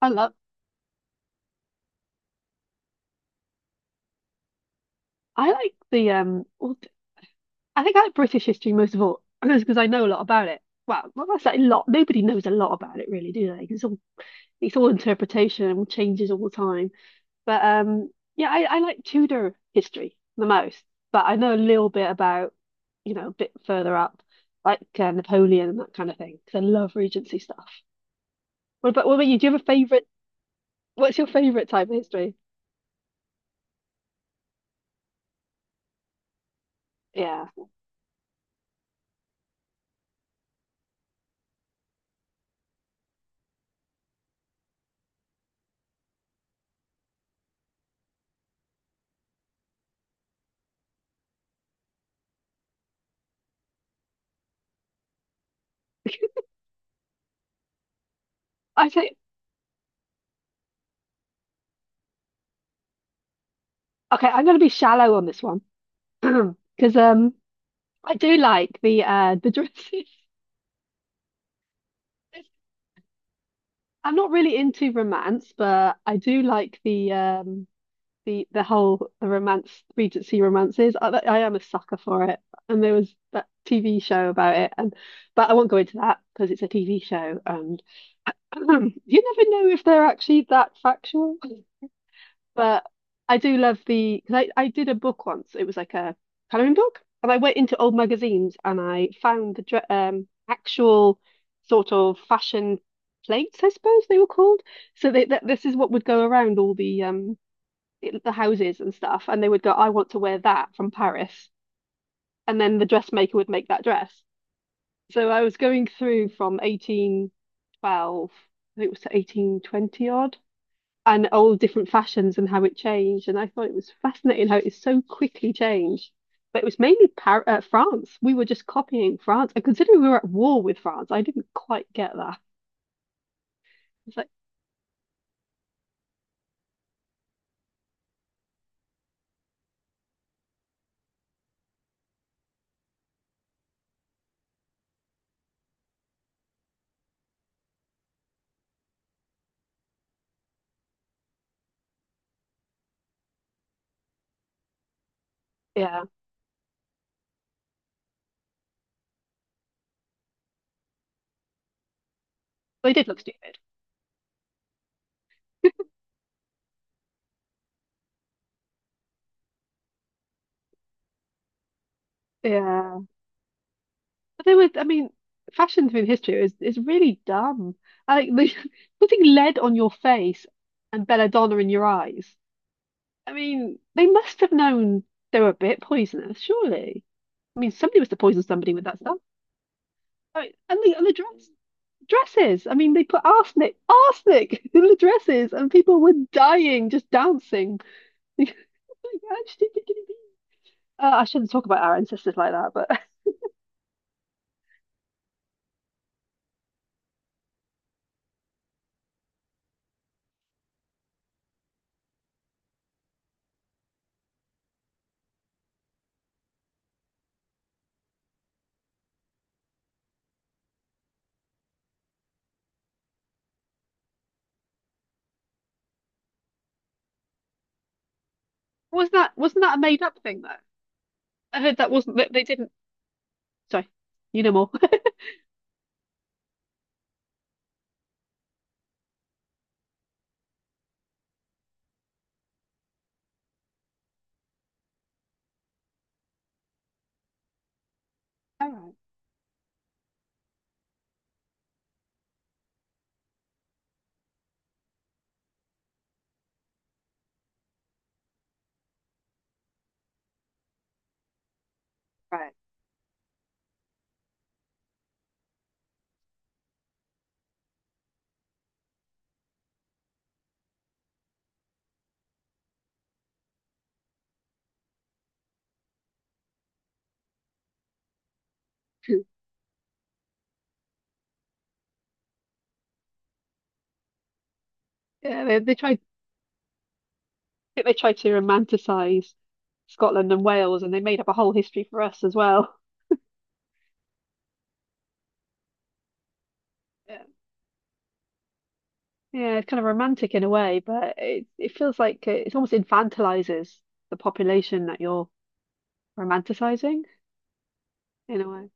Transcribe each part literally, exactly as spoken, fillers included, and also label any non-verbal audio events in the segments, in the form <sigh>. I love I like the um well, I think I like British history most of all <clears throat> because I know a lot about it. Well, not necessarily a lot. Nobody knows a lot about it really, do they? 'Cause it's all it's all interpretation and changes all the time. But um yeah, I, I like Tudor history the most. But I know a little bit about, you know, a bit further up, like uh, Napoleon and that kind of thing. Because I love Regency stuff. What about what about you? Do you have a favorite? What's your favorite type of history? Yeah, I think Okay. I'm going to be shallow on this one <clears throat> because um. I do like the uh the dresses. <laughs> I'm not really into romance, but I do like the um the the whole the romance Regency romances. I, I am a sucker for it, and there was that T V show about it, and but I won't go into that because it's a T V show, and <clears throat> you never know if they're actually that factual. But I do love the because I, I did a book once. It was like a coloring book, and I went into old magazines and I found the dre- um actual sort of fashion plates, I suppose they were called. So they, that This is what would go around all the um i- the houses and stuff, and they would go, "I want to wear that from Paris," and then the dressmaker would make that dress. So I was going through from eighteen twelve, I think it was, to eighteen twenty odd and all different fashions and how it changed. And I thought it was fascinating how it so quickly changed. But it was mainly Par uh, France. We were just copying France. And considering we were at war with France, I didn't quite get that. It's like, yeah, they did look stupid. Yeah, but they were. I mean, fashion through history is is really dumb. I like they, <laughs> putting lead on your face and belladonna in your eyes. I mean, they must have known they were a bit poisonous, surely. I mean, somebody must have poisoned somebody with that stuff. I mean, and the and the dress. dresses. I mean, they put arsenic, arsenic <laughs> in the dresses, and people were dying just dancing. <laughs> Like, actually, uh, I shouldn't talk about our ancestors like that, but <laughs> was not that wasn't that a made up thing though? I heard that wasn't that they didn't. Sorry, you know more. <laughs> All right, right. Yeah, they, they tried. I think they tried to romanticize Scotland and Wales, and they made up a whole history for us as well. Yeah, yeah, it's kind of romantic in a way, but it it feels like it, it almost infantilizes the population that you're romanticizing in a way.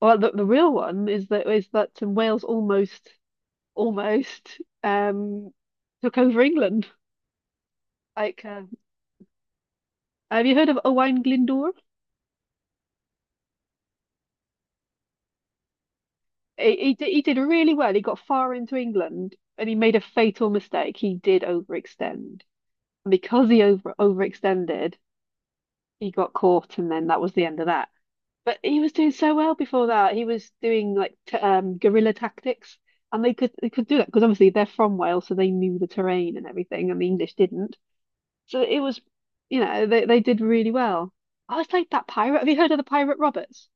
Well, the, the real one is that is that Wales almost almost um took over England. Like, uh, have you heard of Owain Glyndŵr? He, he did he did really well. He got far into England and he made a fatal mistake. He did overextend. And because he over overextended, he got caught, and then that was the end of that. But he was doing so well before that. He was doing like t um guerrilla tactics, and they could they could do that because obviously they're from Wales, so they knew the terrain and everything, and the English didn't. So it was, you know, they they did really well. I was like that pirate. Have you heard of the Pirate Roberts?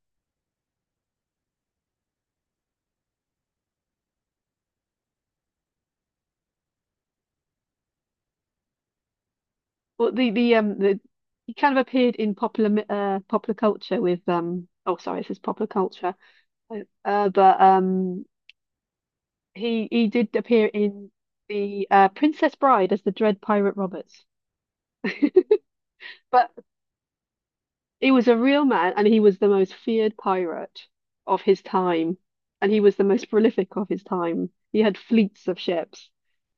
Well, the the um the he kind of appeared in popular mi- uh popular culture with um oh sorry, this is popular culture, uh but um he he did appear in the uh Princess Bride as the Dread Pirate Roberts. <laughs> But he was a real man, and he was the most feared pirate of his time, and he was the most prolific of his time. He had fleets of ships.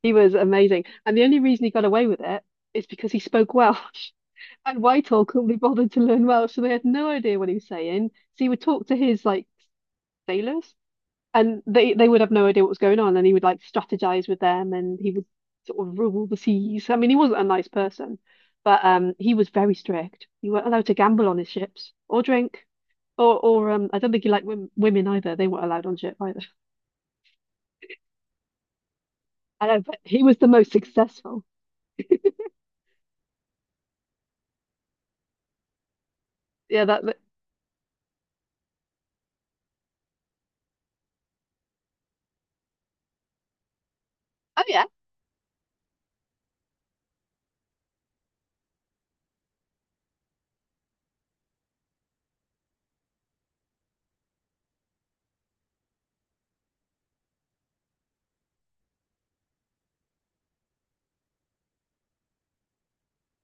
He was amazing, and the only reason he got away with it is because he spoke Welsh. <laughs> And Whitehall couldn't be bothered to learn Welsh, so they had no idea what he was saying. So he would talk to his like sailors, and they they would have no idea what was going on, and he would like strategize with them, and he would sort of rule the seas. I mean, he wasn't a nice person, but um, he was very strict. You weren't allowed to gamble on his ships or drink. Or, or um, I don't think he liked wom women either. They weren't allowed on ship either. <laughs> I know, but he was the most successful. Yeah, that, that- Oh yeah,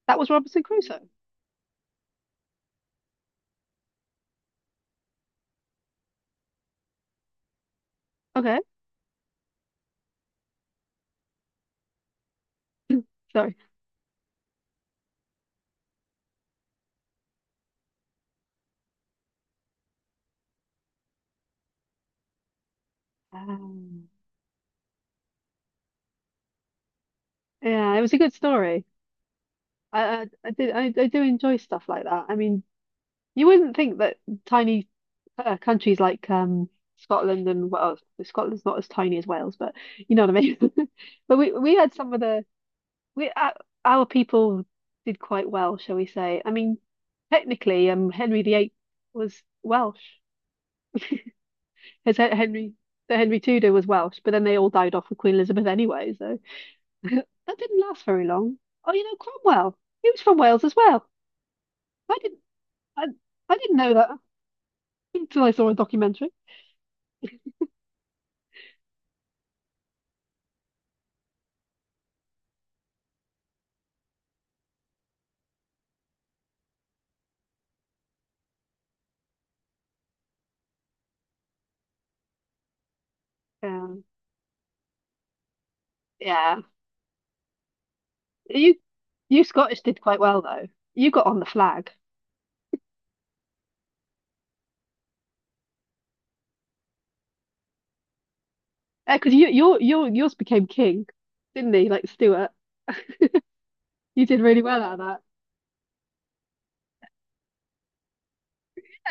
that was Robinson Crusoe. Okay, sorry. Um, yeah, it was a good story. I, I, I did, I, I do enjoy stuff like that. I mean, you wouldn't think that tiny uh, countries like um, Scotland and Wales, Scotland's not as tiny as Wales, but you know what I mean. <laughs> But we we had some of the we our, our people did quite well, shall we say? I mean, technically, um, Henry the Eighth was Welsh. His Hen- Henry the Henry Tudor was Welsh, but then they all died off with Queen Elizabeth anyway, so <laughs> that didn't last very long. Oh, you know Cromwell, he was from Wales as well. I didn't I, I didn't know that until I saw a documentary. Yeah. Yeah. You you Scottish did quite well though. You got on the flag. Because you your your yours became king, didn't he? Like Stuart. You did really well out of that.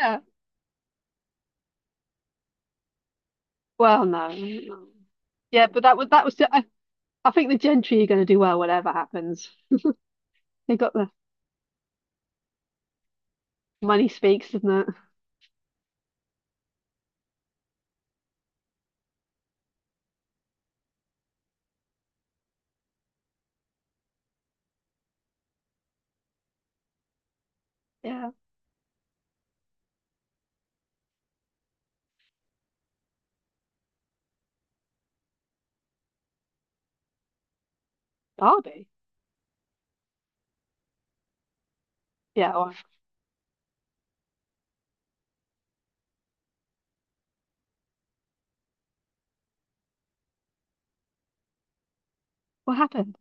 Yeah. Well, no. no. Yeah, but that was that was I, I think the gentry are going to do well whatever happens. They got the Money speaks, doesn't it? Yeah. Derby. Yeah, or, what happened?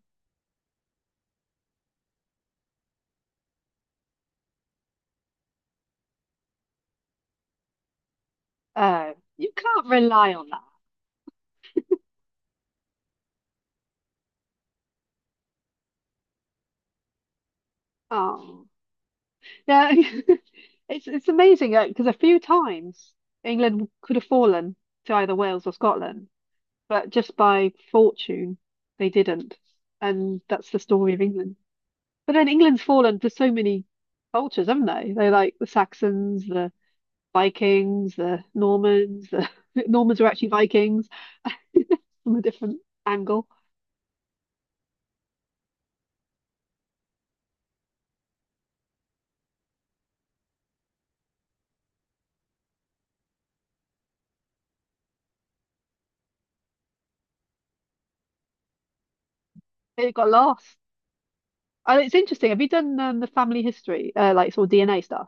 Oh, you can't rely on that. Oh. Yeah, <laughs> it's it's amazing because a few times England could have fallen to either Wales or Scotland, but just by fortune they didn't, and that's the story of England. But then England's fallen to so many cultures, haven't they? They're like the Saxons, the Vikings, the Normans. The <laughs> Normans were actually Vikings from a different angle. They got lost. And it's interesting. Have you done um, the family history, uh, like sort of D N A stuff?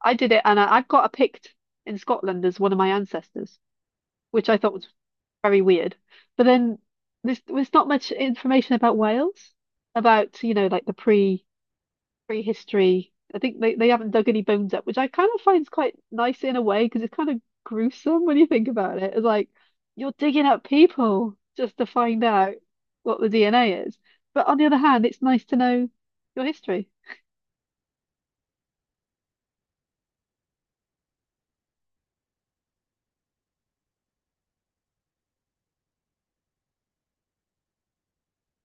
I did it, and I, I've got a Pict in Scotland as one of my ancestors, which I thought was very weird. But then there's there's not much information about Wales, about you know like the pre prehistory. I think they, they haven't dug any bones up, which I kind of find quite nice in a way because it's kind of gruesome when you think about it. It's like you're digging up people just to find out what the D N A is. But on the other hand, it's nice to know your history,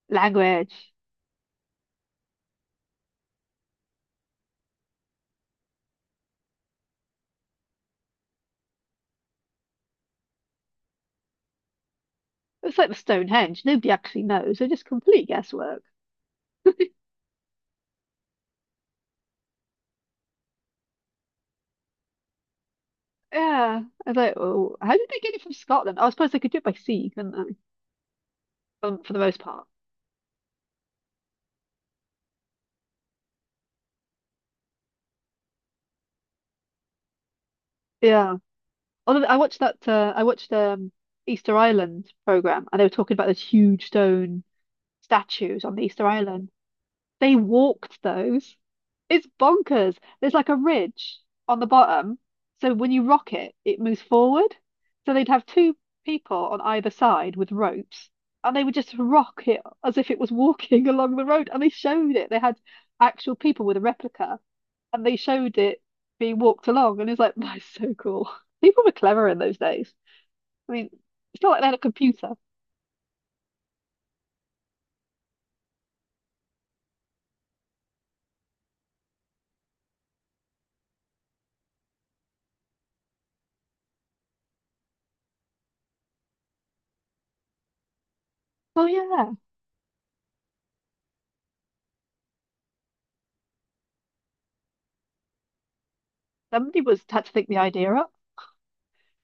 language. It's like the Stonehenge. Nobody actually knows. They're just complete guesswork. Yeah. I was like, oh, how did they get it from Scotland? Oh, I suppose they could do it by sea, couldn't they? Um, for the most part. Yeah. Although I watched that, uh, I watched um, Easter Island program, and they were talking about those huge stone statues on the Easter Island. They walked those. It's bonkers. There's like a ridge on the bottom. So when you rock it, it moves forward. So they'd have two people on either side with ropes and they would just rock it as if it was walking <laughs> along the road. And they showed it. They had actual people with a replica and they showed it being walked along. And it's like, <laughs> that's so cool. <laughs> People were clever in those days. I mean, it's not like they had a computer. Oh, yeah. Somebody was had to think the idea up.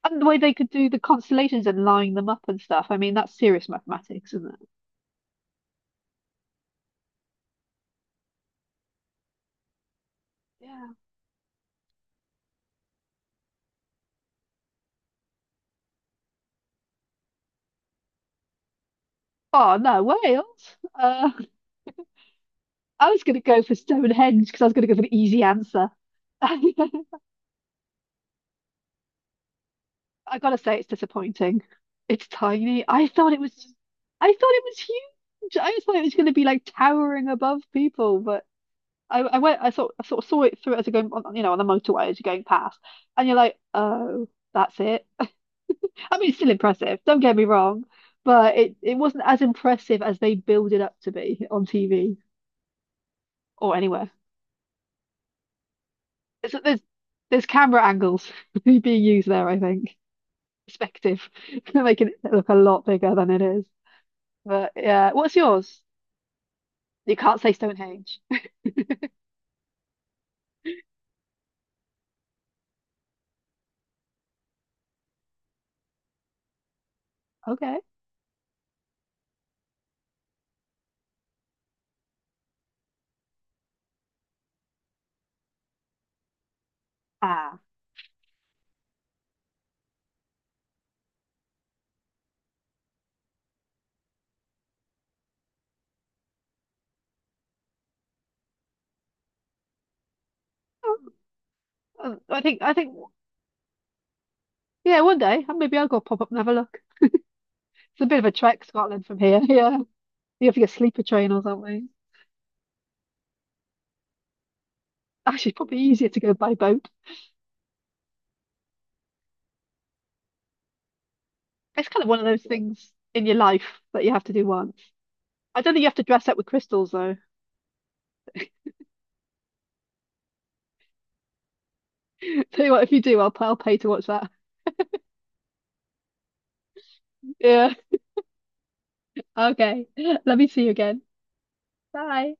And the way they could do the constellations and line them up and stuff. I mean, that's serious mathematics, isn't it? Yeah. Oh, no, Wales. Uh, I was going to go for Stonehenge because I was going to go for an easy answer. <laughs> I gotta say, it's disappointing. It's tiny. I thought it was, I thought it was huge. I just thought it was going to be like towering above people, but I, I went, I sort, I sort of saw it through as you're going, on, you know, on the motorway as you're going past, and you're like, oh, that's it. I mean, it's still impressive, don't get me wrong, but it, it wasn't as impressive as they build it up to be on T V or anywhere. It's, there's there's camera angles <laughs> being used there, I think. Perspective, <laughs> making it look a lot bigger than it is. But yeah, what's yours? You can't say Stonehenge. Okay. Ah. Oh, oh, I think I think yeah, one day uh, maybe I'll go pop up and have a look. It's a bit of a trek, Scotland from here. <laughs> Yeah, you have to get a sleeper train or something. Actually, probably easier to go by boat. It's kind of one of those things in your life that you have to do once. I don't think you have to dress up with crystals though. <laughs> Tell you what, if you do, I'll I'll pay to watch that. Yeah. Okay. <laughs> Let me see you again. Bye.